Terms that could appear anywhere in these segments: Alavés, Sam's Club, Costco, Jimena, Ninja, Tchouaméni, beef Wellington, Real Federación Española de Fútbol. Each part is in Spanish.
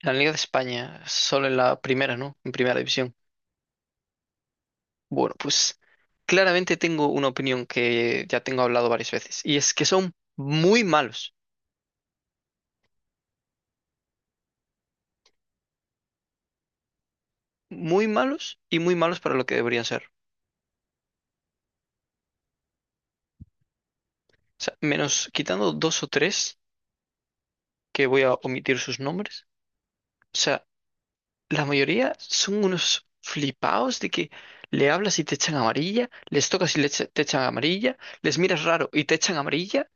La Liga de España, solo en la primera, ¿no? En primera división. Bueno, pues claramente tengo una opinión que ya tengo hablado varias veces, y es que son muy malos y muy malos para lo que deberían ser. O sea, menos quitando dos o tres, que voy a omitir sus nombres. O sea, la mayoría son unos flipaos de que le hablas y te echan amarilla, les tocas y te echan amarilla, les miras raro y te echan amarilla.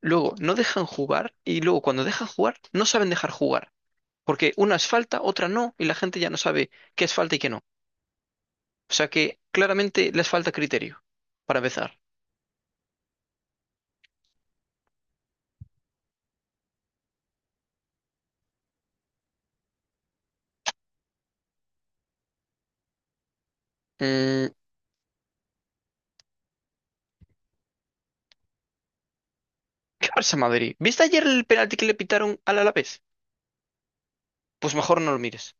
Luego no dejan jugar y luego cuando dejan jugar no saben dejar jugar. Porque una es falta, otra no, y la gente ya no sabe qué es falta y qué no. O sea que claramente les falta criterio, para empezar. Mm, ¿Qué pasa, Madrid? ¿Viste ayer el penalti que le pitaron al Alavés? Pues mejor no lo mires.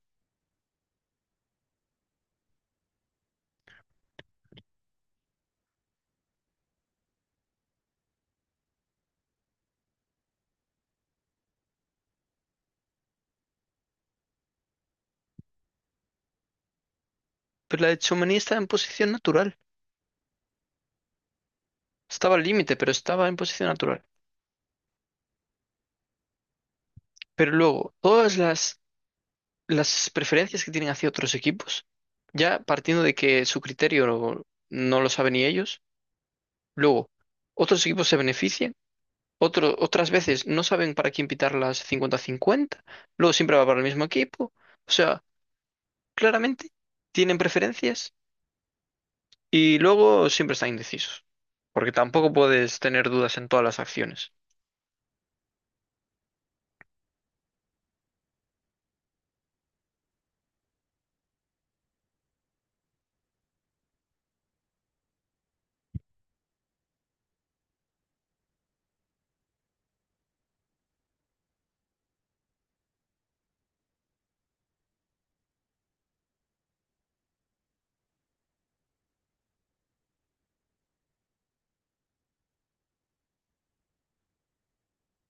Pero la de Tchouaméni estaba en posición natural. Estaba al límite, pero estaba en posición natural. Pero luego, todas las preferencias que tienen hacia otros equipos, ya partiendo de que su criterio no, no lo saben ni ellos, luego, otros equipos se benefician. Otras veces no saben para quién pitar las 50 cincuenta, luego siempre va para el mismo equipo. O sea, claramente tienen preferencias y luego siempre están indecisos, porque tampoco puedes tener dudas en todas las acciones.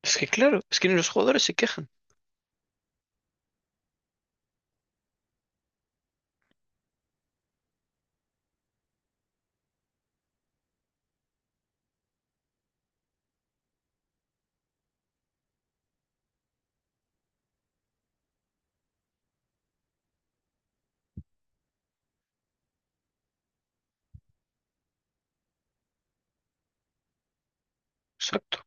Es que claro, es que ni los jugadores se quejan. Exacto.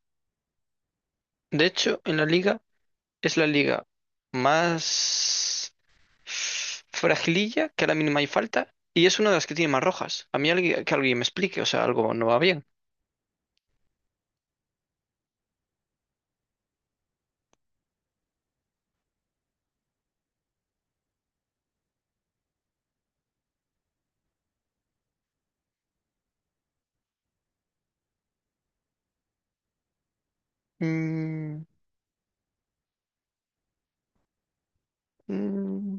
De hecho, en la liga es la liga más fragililla, que a la mínima hay falta, y es una de las que tiene más rojas. A mí alguien, que alguien me explique, o sea, algo no va bien. Mm, mm,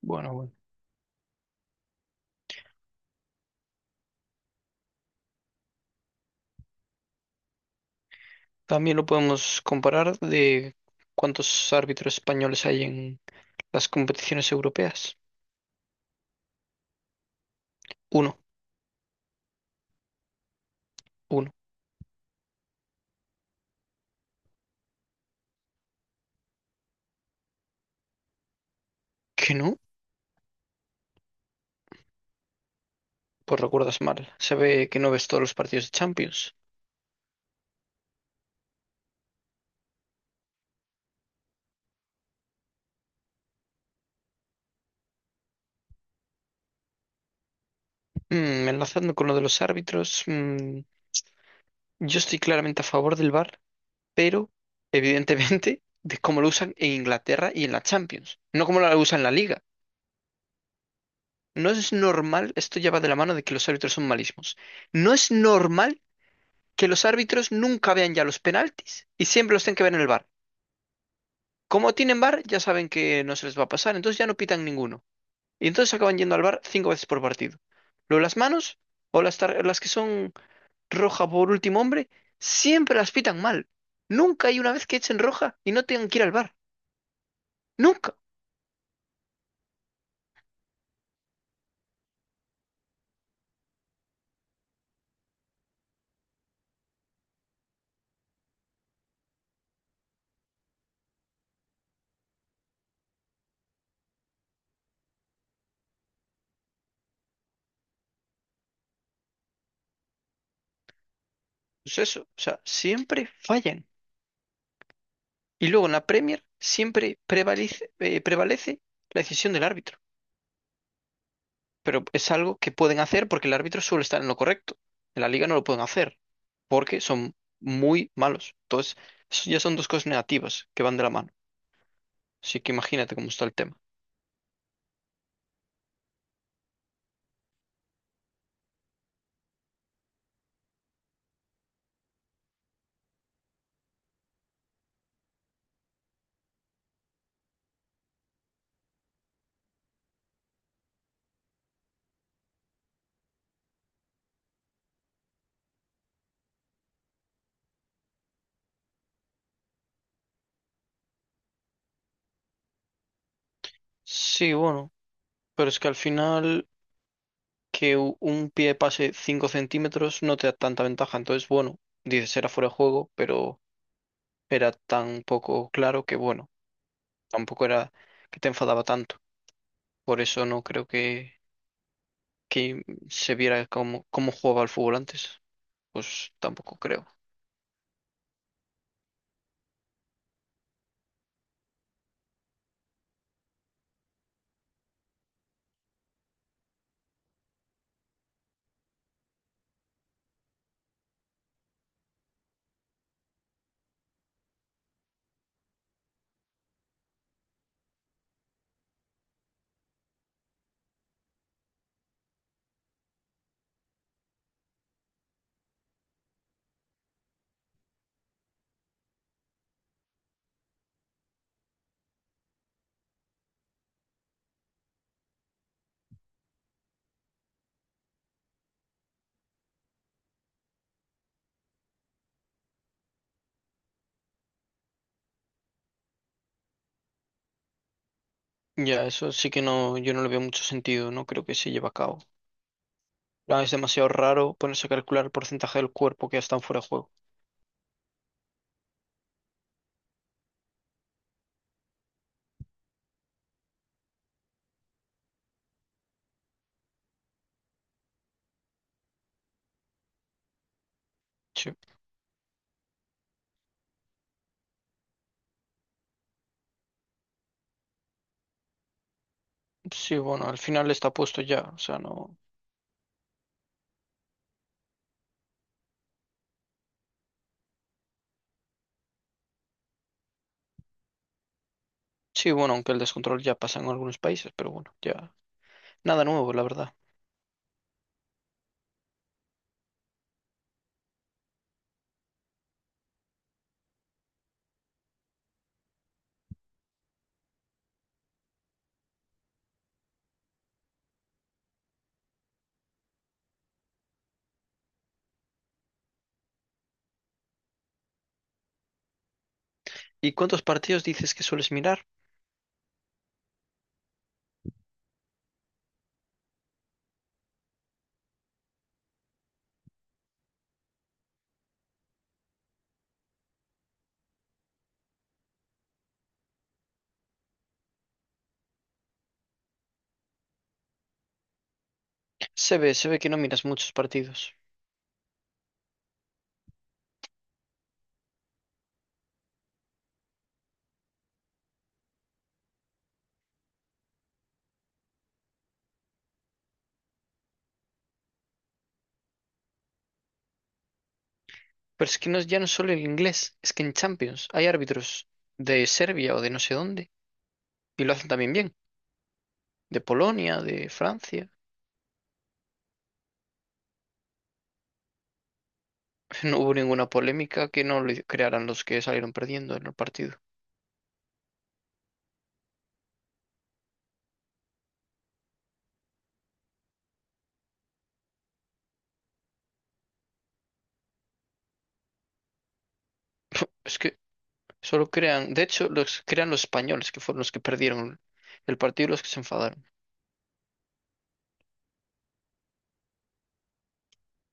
bueno, bueno. También lo podemos comparar de cuántos árbitros españoles hay en las competiciones europeas. Uno, uno. ¿Que no? Pues recuerdas mal. Se ve que no ves todos los partidos de Champions. Enlazando con lo de los árbitros, yo estoy claramente a favor del VAR, pero evidentemente de cómo lo usan en Inglaterra y en la Champions, no como lo usan en la Liga. No es normal, esto ya va de la mano de que los árbitros son malísimos. No es normal que los árbitros nunca vean ya los penaltis y siempre los tienen que ver en el VAR. Como tienen VAR, ya saben que no se les va a pasar, entonces ya no pitan ninguno. Y entonces acaban yendo al VAR cinco veces por partido. Luego las manos o las que son roja por último hombre, siempre las pitan mal. Nunca hay una vez que echen roja y no tengan que ir al VAR. Nunca. Pues eso, o sea, siempre fallan. Y luego en la Premier siempre prevalece la decisión del árbitro. Pero es algo que pueden hacer porque el árbitro suele estar en lo correcto. En la liga no lo pueden hacer porque son muy malos. Entonces, eso ya son dos cosas negativas que van de la mano. Así que imagínate cómo está el tema. Sí, bueno, pero es que al final que un pie pase 5 centímetros no te da tanta ventaja. Entonces, bueno, dices era fuera de juego, pero era tan poco claro que, bueno, tampoco era que te enfadaba tanto. Por eso no creo que, que se viera cómo jugaba el fútbol antes. Pues tampoco creo. Ya, eso sí que no, yo no le veo mucho sentido, no creo que se lleve a cabo. Ah, es demasiado raro ponerse a calcular el porcentaje del cuerpo que ya están fuera de juego. Sí, sí, bueno, al final está puesto ya, o sea, no. Sí, bueno, aunque el descontrol ya pasa en algunos países, pero bueno, ya. Nada nuevo, la verdad. ¿Y cuántos partidos dices que sueles mirar? Se ve que no miras muchos partidos. Pero es que no, ya no es solo el inglés, es que en Champions hay árbitros de Serbia o de no sé dónde, y lo hacen también bien, de Polonia, de Francia. No hubo ninguna polémica que no le crearan los que salieron perdiendo en el partido. Es que solo crean, de hecho, los crean los españoles, que fueron los que perdieron el partido y los que se enfadaron.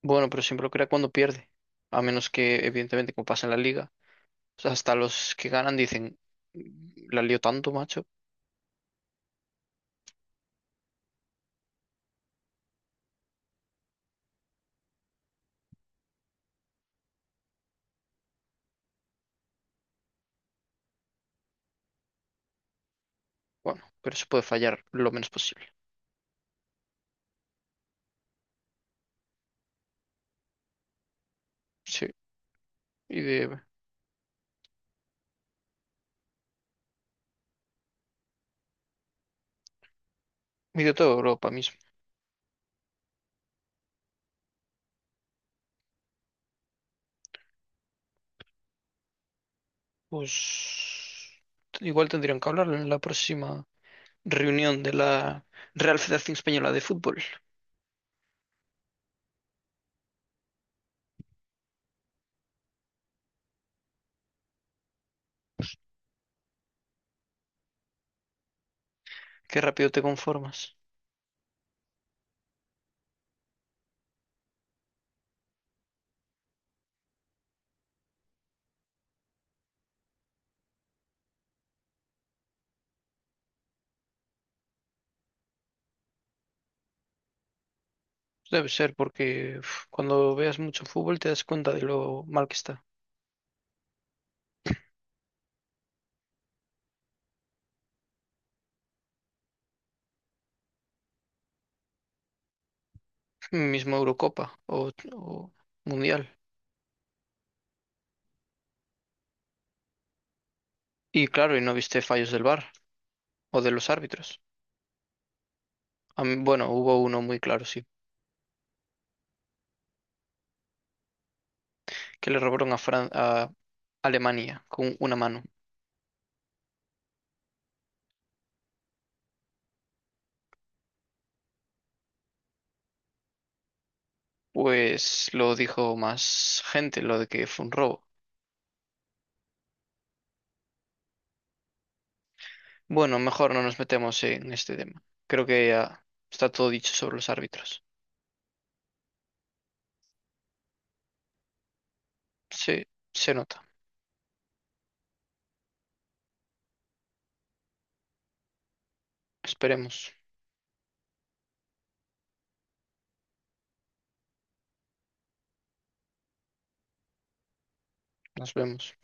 Bueno, pero siempre lo crea cuando pierde. A menos que, evidentemente, como pasa en la liga, o sea, hasta los que ganan dicen, "Mm, la lío tanto, macho. Bueno, pero se puede fallar lo menos posible. Sí, y de, y de toda Europa mismo. Pues igual tendrían que hablar en la próxima reunión de la Real Federación Española de Fútbol. Qué rápido te conformas. Debe ser porque uf, cuando veas mucho fútbol te das cuenta de lo mal que está. Mismo Eurocopa o Mundial. Y claro, y no viste fallos del VAR o de los árbitros. Bueno, hubo uno muy claro, sí, que le robaron a Alemania con una mano. Pues lo dijo más gente, lo de que fue un robo. Bueno, mejor no nos metemos en este tema. Creo que ya está todo dicho sobre los árbitros. Sí, se nota. Esperemos. Nos vemos.